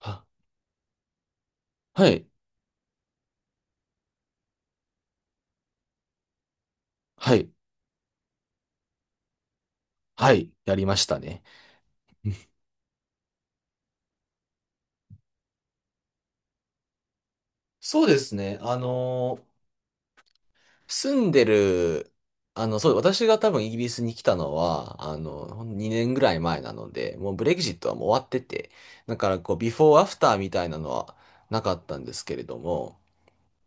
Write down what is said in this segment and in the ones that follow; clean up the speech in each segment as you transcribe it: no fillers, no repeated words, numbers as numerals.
あ、はい、はい、はい、やりましたね。そうですね。住んでる、あの、そう、私が多分イギリスに来たのは、2年ぐらい前なので、もうブレグジットはもう終わってて、だからこう、ビフォーアフターみたいなのはなかったんですけれども、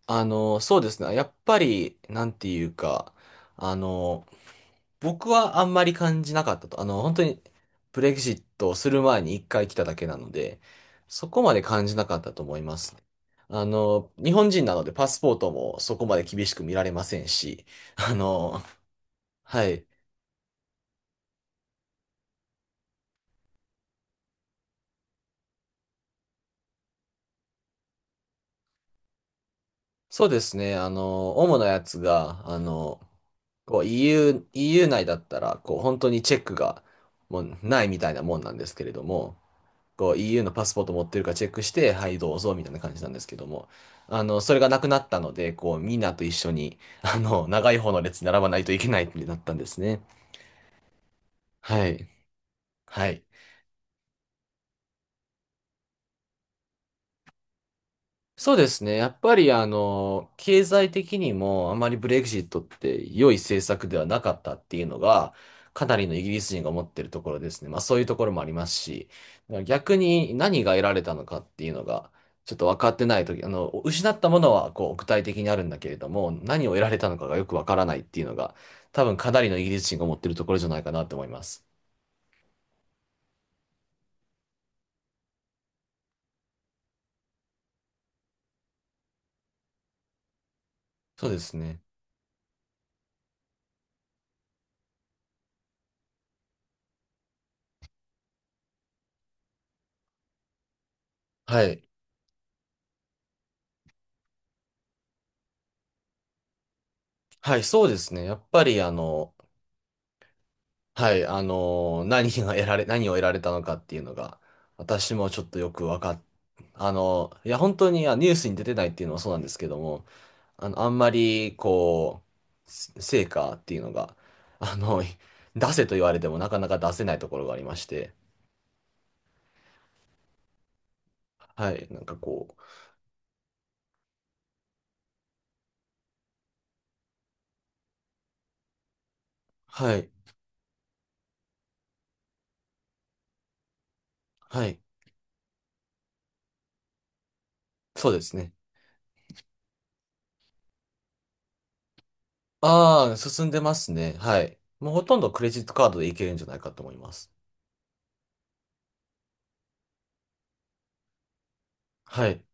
そうですね。やっぱり、なんていうか、あの、僕はあんまり感じなかったと。本当にブレグジットをする前に一回来ただけなので、そこまで感じなかったと思いますね。日本人なのでパスポートもそこまで厳しく見られませんし、あの、はい。そうですね。主なやつが、こう EU、イーユー内だったら、こう本当にチェックがもうないみたいなもんなんですけれども、こう EU のパスポート持ってるかチェックして、はい、どうぞ、みたいな感じなんですけども、それがなくなったので、こう、みんなと一緒に、長い方の列に並ばないといけないってなったんですね。はい。はい。そうですね。やっぱり経済的にもあまりブレグジットって良い政策ではなかったっていうのが、かなりのイギリス人が思ってるところですね。まあそういうところもありますし、逆に何が得られたのかっていうのが、ちょっと分かってないとき、失ったものはこう具体的にあるんだけれども、何を得られたのかがよく分からないっていうのが、多分かなりのイギリス人が思ってるところじゃないかなと思います。そうですね。はい。はい、そうですね。やっぱりはい、何が得られ、何を得られたのかっていうのが、私もちょっとよくわかっ、あのーいや、本当に、ニュースに出てないっていうのはそうなんですけども、あんまり、こう、成果っていうのが、あの、い出せと言われてもなかなか出せないところがありまして、はい、なんかこう、はい、はい、そうですね。ああ、進んでますね。はい。もうほとんどクレジットカードでいけるんじゃないかと思います。はい。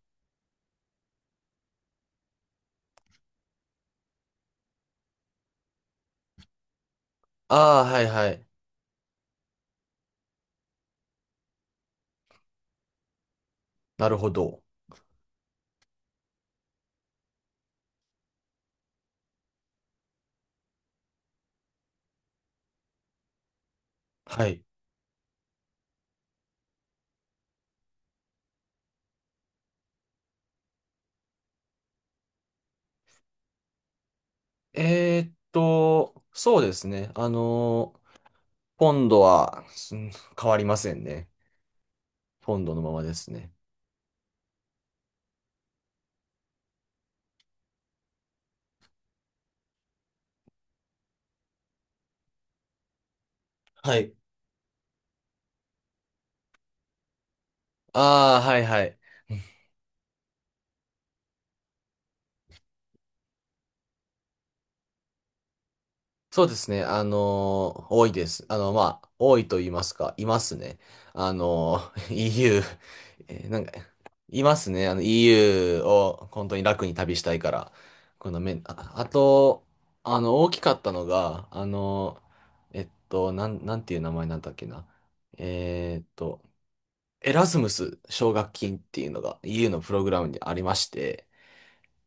ああ、はい、はい。なるほど。はい。そうですね。ポンドは、うん変わりませんね。ポンドのままですね。はい。ああ、はいはい。そうですね。多いです。まあ、多いと言いますか、いますね。あのEU、えーなんか、いますね。EU を本当に楽に旅したいから。このめ、あ、あと、あの、大きかったのが、なんていう名前なんだっけな。えーっと、エラズムス奨学金っていうのが EU のプログラムにありまして、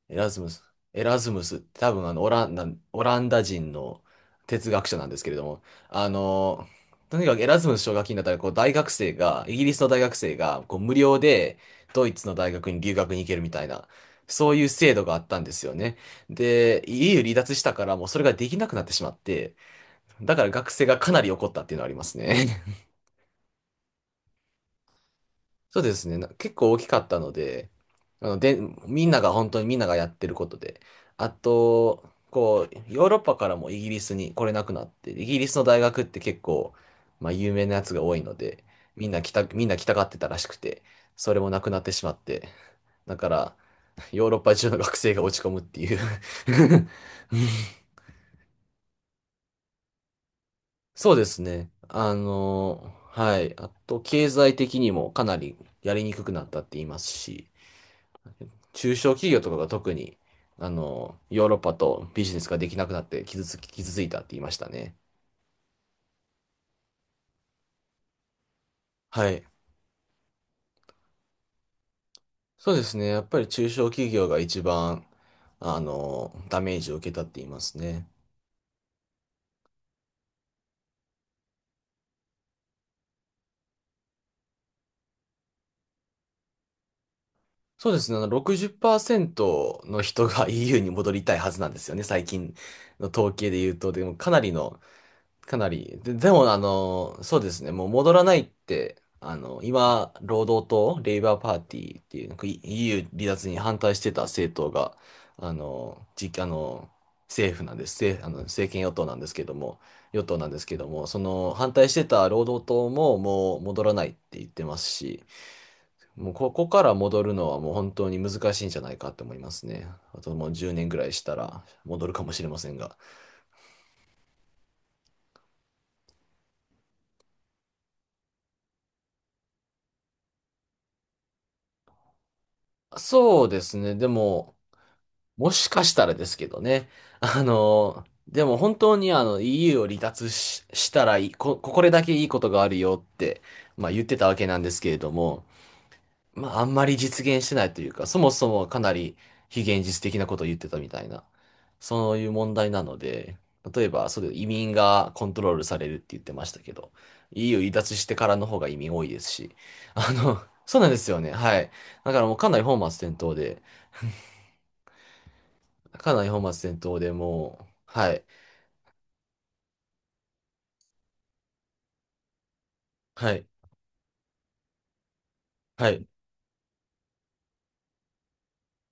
エラズムス、エラズムスって多分オランダ、オランダ人の哲学者なんですけれども、あの、とにかくエラズムス奨学金だったらこう大学生が、イギリスの大学生がこう無料でドイツの大学に留学に行けるみたいな、そういう制度があったんですよね。で、EU 離脱したからもうそれができなくなってしまって、だから学生がかなり怒ったっていうのはありますね。そうですね。結構大きかったので、で、みんなが本当にみんながやってることで、あと、こう、ヨーロッパからもイギリスに来れなくなって、イギリスの大学って結構、まあ、有名なやつが多いので、みんな来たがってたらしくて、それもなくなってしまって、だから、ヨーロッパ中の学生が落ち込むっていう そうですね。はい。あと、経済的にもかなりやりにくくなったって言いますし、中小企業とかが特に、ヨーロッパとビジネスができなくなって傷ついたって言いましたね。はい。そうですね。やっぱり中小企業が一番、ダメージを受けたって言いますね。そうですね。60%の人が EU に戻りたいはずなんですよね。最近の統計で言うと、でもかなりのかなり。で、でも、そうですね。もう戻らないって、今、労働党、レイバーパーティーっていう、なんか EU 離脱に反対してた政党が、あの、じ、あの、政府なんです。政、あの、政権与党なんですけども、与党なんですけども、その反対してた労働党ももう戻らないって言ってますし、もうここから戻るのはもう本当に難しいんじゃないかと思いますね。あともう10年ぐらいしたら戻るかもしれませんが。そうですね。でも、もしかしたらですけどね。でも本当にEU を離脱し、したらいい、こ、これだけいいことがあるよって、まあ言ってたわけなんですけれども、まああんまり実現してないというか、そもそもかなり非現実的なことを言ってたみたいな、そういう問題なので、例えば、それ移民がコントロールされるって言ってましたけど、EU 離脱してからの方が移民多いですし、そうなんですよね。はい。だからもうかなり本末転倒でもう、はい、はい、はい。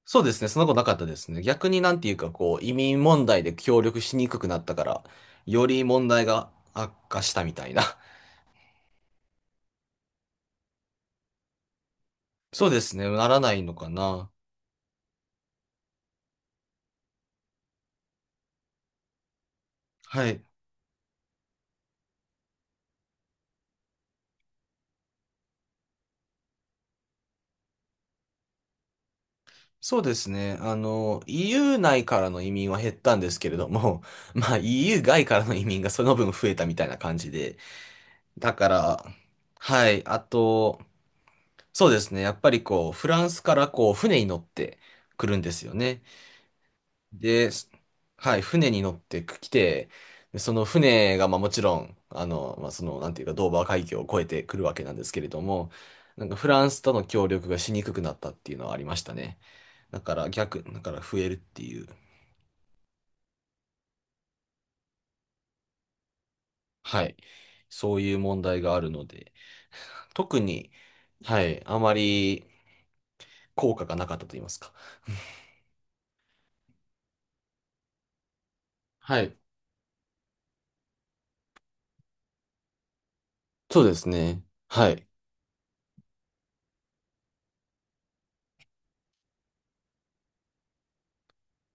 そうですね、そのことなかったですね。逆になんていうか、こう、移民問題で協力しにくくなったから、より問題が悪化したみたいな。そうですね、ならないのかな。はい。そうですね、EU 内からの移民は減ったんですけれども、まあ EU 外からの移民がその分増えたみたいな感じで、だから、はい、あと、そうですね、やっぱりこう、フランスからこう、船に乗ってくるんですよね。で、すはい、船に乗ってきて、でその船が、まあもちろん、まあその、なんていうか、ドーバー海峡を越えてくるわけなんですけれども、なんかフランスとの協力がしにくくなったっていうのはありましたね。だから増えるっていう、はい、そういう問題があるので、特に、はい、あまり効果がなかったと言いますか。はい、そうですね。はい。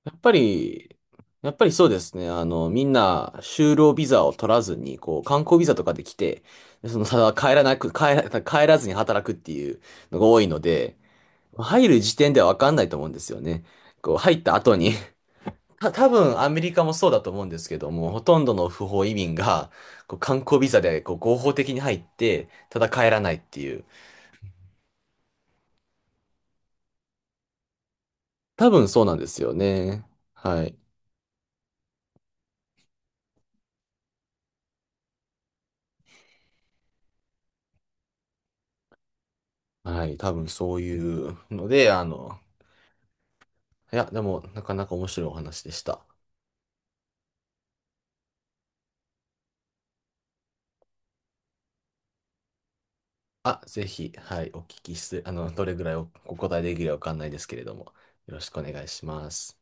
やっぱり、やっぱりそうですね。みんな、就労ビザを取らずに、こう、観光ビザとかで来て、その、ただ帰らなく、帰ら、帰らずに働くっていうのが多いので、入る時点ではわかんないと思うんですよね。こう、入った後に。多分アメリカもそうだと思うんですけども、ほとんどの不法移民が、こう、観光ビザで、こう、合法的に入って、ただ帰らないっていう。多分そうなんですよね。はい。はい。多分そういうので、いや、でも、なかなか面白いお話でした。あ、ぜひ、はい、お聞きして、どれぐらいお答えできるかわかんないですけれども、よろしくお願いします。